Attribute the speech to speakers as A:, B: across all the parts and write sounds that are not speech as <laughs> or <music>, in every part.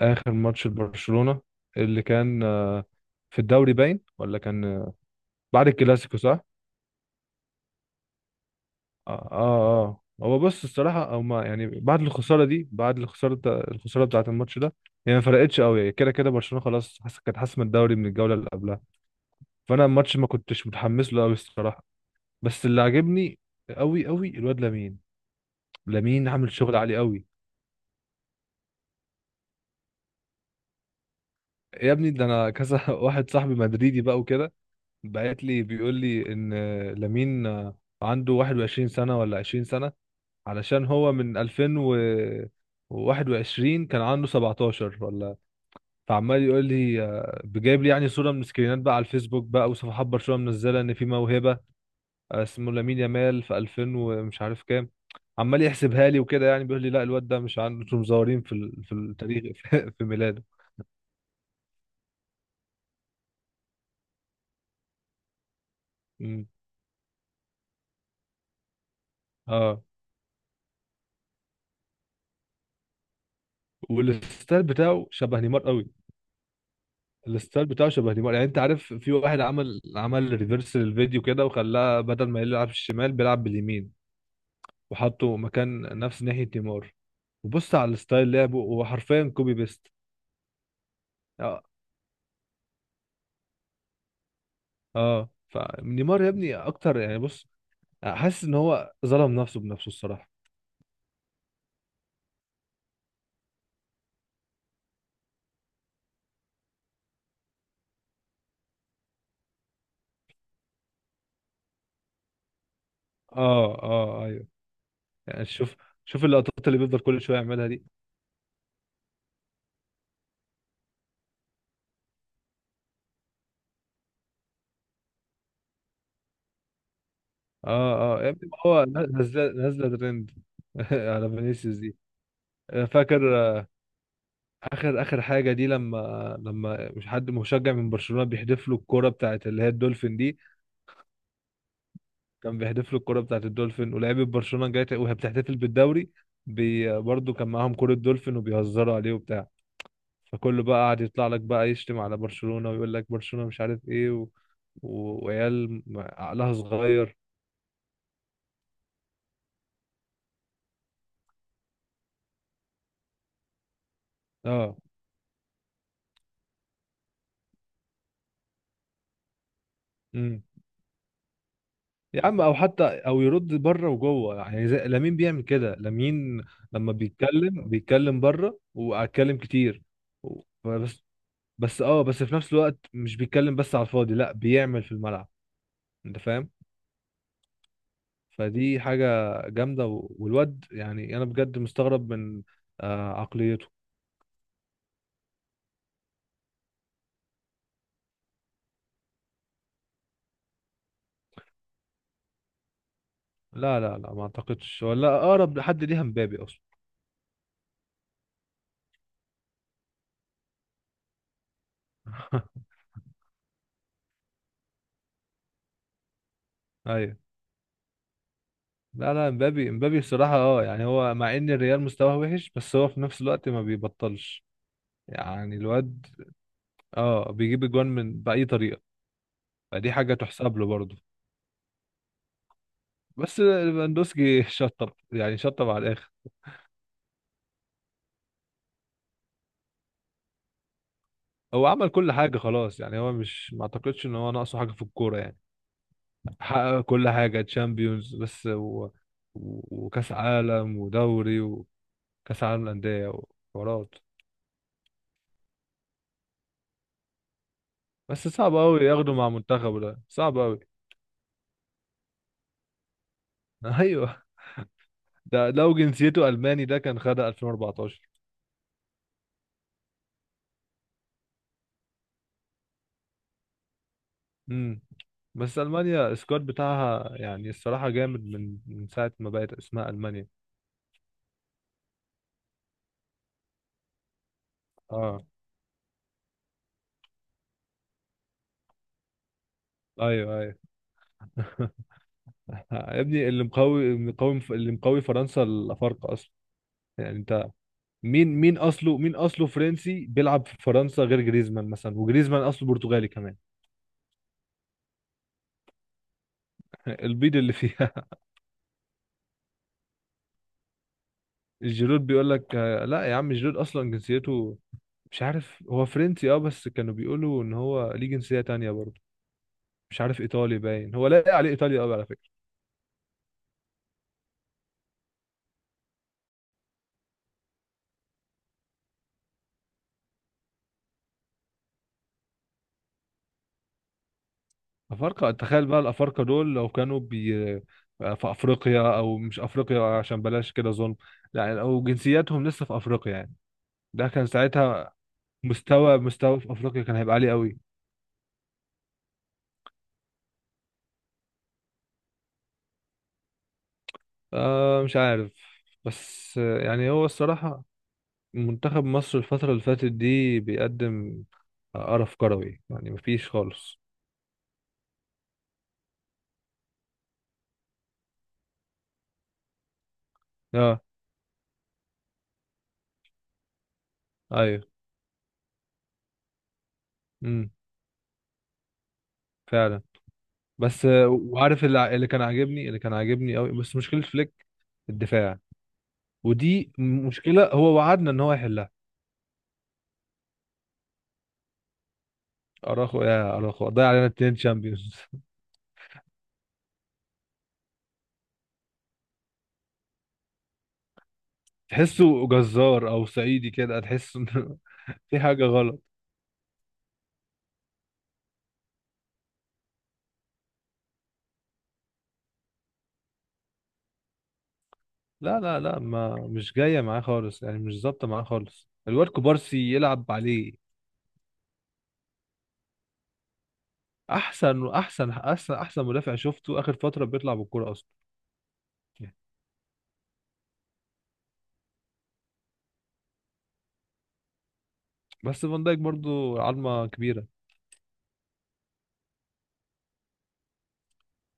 A: اخر ماتش لبرشلونة اللي كان في الدوري باين، ولا كان بعد الكلاسيكو؟ صح. اه، اه، آه. هو بص، الصراحة هما يعني بعد الخسارة دي، الخسارة بتاعة الماتش ده هي ما فرقتش قوي. يعني كده كده برشلونة خلاص، كانت حاسمة الدوري من الجولة اللي قبلها. فانا الماتش ما كنتش متحمس له قوي الصراحة. بس اللي عجبني قوي قوي الواد لامين. لامين عامل شغل عالي قوي. يا ابني ده انا كذا <laughs> واحد صاحبي مدريدي بقى وكده بعت لي بيقول لي ان لامين عنده 21 سنة ولا 20 سنة، علشان هو من 2021 كان عنده 17 ولا. فعمال يقول لي بجايب لي يعني صورة من سكرينات بقى على الفيسبوك بقى، وصفحات برشلونة منزلة ان في موهبة اسمه لامين يامال في 2000 ومش عارف كام. عمال يحسبها لي وكده، يعني بيقول لي لا الواد ده مش عنده، انتوا مزورين في التاريخ <laughs> في ميلاده. مم. اه. والستايل بتاعه شبه نيمار قوي. الستايل بتاعه شبه نيمار، يعني انت عارف في واحد عمل ريفرس للفيديو كده، وخلاه بدل ما يلعب الشمال بيلعب باليمين، وحطه مكان نفس ناحية نيمار. وبص على الستايل لعبه، هو حرفيا كوبي بيست. اه، اه. فنيمار يا ابني اكتر، يعني بص، حاسس ان هو ظلم نفسه بنفسه الصراحة. اه، اه، ايوه. يعني شوف، شوف اللقطات اللي بيفضل كل شوية يعملها دي. اه، اه، يا ابني ما هو نازله نازله ترند <laughs> على فينيسيوس دي. فاكر اخر اخر حاجه دي لما مش حد مشجع من برشلونه بيحدف له الكوره بتاعت اللي هي الدولفين دي؟ كان بيحدف له الكوره بتاعت الدولفين، ولعيبه برشلونه جايه وهي بتحتفل بالدوري. برضه كان معاهم كوره دولفين وبيهزروا عليه وبتاع. فكله بقى قاعد يطلع لك بقى يشتم على برشلونه ويقول لك برشلونه مش عارف ايه وعيال عقلها صغير. اه. إمم. يا عم او حتى او يرد بره وجوه يعني زي لامين بيعمل كده. لامين لما بيتكلم بيتكلم بره واتكلم كتير، بس. بس في نفس الوقت مش بيتكلم بس على الفاضي، لا بيعمل في الملعب. انت فاهم؟ فدي حاجة جامدة، والواد، يعني انا بجد مستغرب من عقليته. لا لا لا، ما اعتقدش، ولا اقرب لحد ليها مبابي اصلا. <laughs> ايوه. لا لا، مبابي. مبابي الصراحة اه، يعني هو مع ان الريال مستواه وحش، بس هو في نفس الوقت ما بيبطلش يعني الواد. اه، بيجيب اجوان من بأي طريقة. فدي حاجة تحسب له برضه. بس ليفاندوسكي <laughs> شطب، يعني شطب على الآخر. هو عمل كل حاجة خلاص، يعني هو مش، ما اعتقدش ان هو ناقصه حاجة في الكورة يعني. حقق كل حاجة، تشامبيونز بس وكأس عالم، ودوري، وكأس عالم للأندية، وحوارات. بس صعب قوي ياخده مع منتخبه، ده صعب قوي. <laughs> ايوه. ده لو جنسيته ألماني ده كان خدها 2014. امم. بس المانيا السكواد بتاعها، يعني الصراحه جامد من ساعه ما بقت اسمها المانيا. اه، ايوه، ايوه. <laughs> يا ابني اللي مقوي فرنسا الافارقه اصلا. يعني انت مين اصله، مين اصله فرنسي بيلعب في فرنسا غير جريزمان مثلا؟ وجريزمان اصله برتغالي كمان. <laughs> البيض اللي فيها <laughs> الجيرود بيقول لك لا يا عم، جيرود اصلا جنسيته مش عارف، هو فرنسي اه، بس كانوا بيقولوا ان هو ليه جنسيه تانية برضه. مش عارف، ايطالي باين، هو لاقي عليه ايطاليا قوي على فكره. أفارقة، تخيل بقى الأفارقة دول لو كانوا في أفريقيا، أو مش أفريقيا عشان بلاش كده ظلم، لا، أو جنسياتهم لسه في أفريقيا، يعني ده كان ساعتها مستوى في أفريقيا كان هيبقى عالي قوي. آه، مش عارف. بس يعني هو الصراحة منتخب مصر الفترة اللي فاتت دي بيقدم قرف كروي، يعني مفيش خالص. اه، ايوه. امم فعلا. بس وعارف اللي كان عاجبني، اللي كان عاجبني قوي، بس مشكلة فليك الدفاع، ودي مشكله هو وعدنا ان هو يحلها. اراخو، يا اراخو، ضيع علينا 2 شامبيونز. <laughs> تحسه جزار او صعيدي كده، تحس ان <laughs> في حاجه غلط. لا لا لا، ما، مش جايه معاه خالص، يعني مش ظابطه معاه خالص. الواد كوبارسي يلعب عليه. احسن مدافع شفته اخر فتره بيطلع بالكوره اصلا. بس فان دايك برضو عظمه كبيره.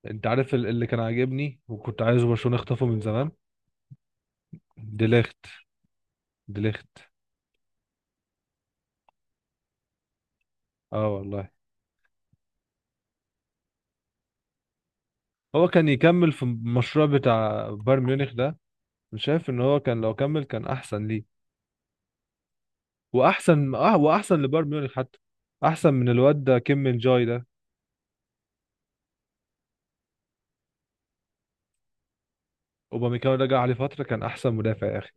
A: انت عارف اللي كان عاجبني وكنت عايزه برشلونه يخطفه من زمان؟ ديليخت. ديليخت. اه والله، هو كان يكمل في المشروع بتاع بايرن ميونخ ده. أنا شايف ان هو كان لو كمل كان احسن ليه. واحسن، اه، واحسن لبايرن ميونخ حتى، احسن من الواد ده كيم من جاي ده. اوباميكانو رجع عليه فتره كان احسن مدافع يا اخي.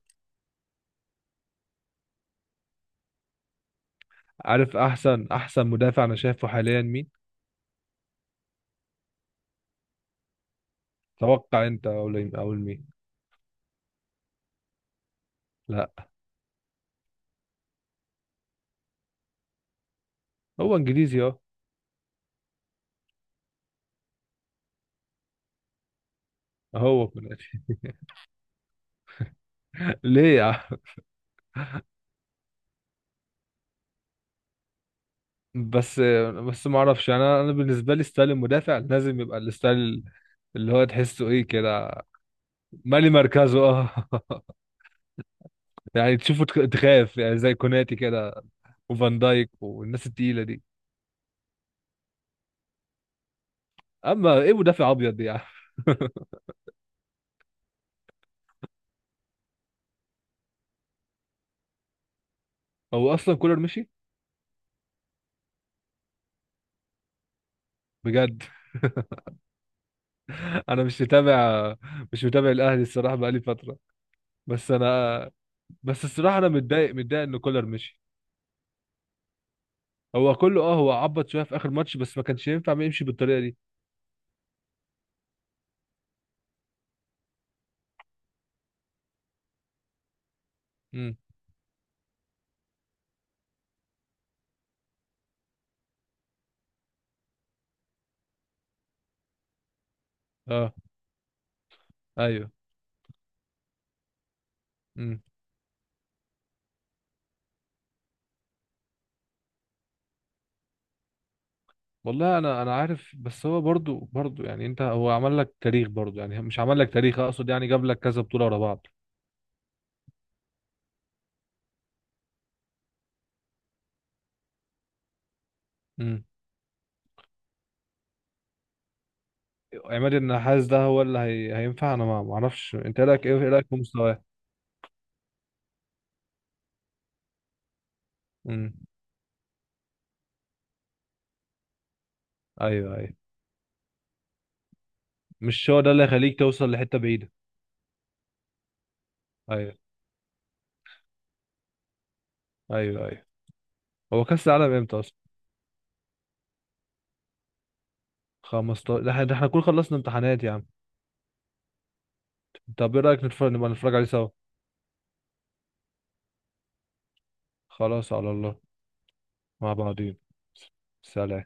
A: عارف احسن مدافع انا شايفه حاليا مين؟ توقع انت، او او مين. لا. هو انجليزي اه. هو في الآخر. <laughs> ليه يا عم؟ بس بس، ما اعرفش انا انا بالنسبه لي ستايل المدافع لازم يبقى الستايل اللي هو تحسه ايه كده، مالي مركزه اه، <laughs> يعني تشوفه، تخاف يعني، زي كوناتي كده، وفان دايك والناس التقيلة دي. اما ايه مدافع ابيض دي يعني. <laughs> هو اصلا كولر مشي. بجد؟ <laughs> انا مش متابع، مش متابع الاهلي الصراحه بقالي فتره. بس انا، بس الصراحه انا متضايق، متضايق ان كولر مشي. هو كله اه، هو عبط شويه في اخر ماتش، بس ما كانش ينفع ما يمشي بالطريقه دي. امم. اه، ايوه. امم والله انا عارف، بس هو برضو، يعني انت، هو عمل لك تاريخ برضو، يعني مش عمل لك تاريخ، اقصد يعني جاب لك كذا بطوله ورا بعض. مم. عماد النحاس ده هو هينفع؟ انا ما اعرفش، انت إيه رايك، إيه رايك في مستواه؟ امم ايوه، ايوه. مش هو ده اللي هيخليك توصل لحته بعيده. ايوه، ايوه، ايوه. هو كاس العالم امتى اصلا؟ 15. ده إحنا نكون خلصنا امتحانات يا عم. طب ايه رايك نتفرج، نبقى نتفرج عليه سوا. خلاص على الله. مع بعضين. سلام.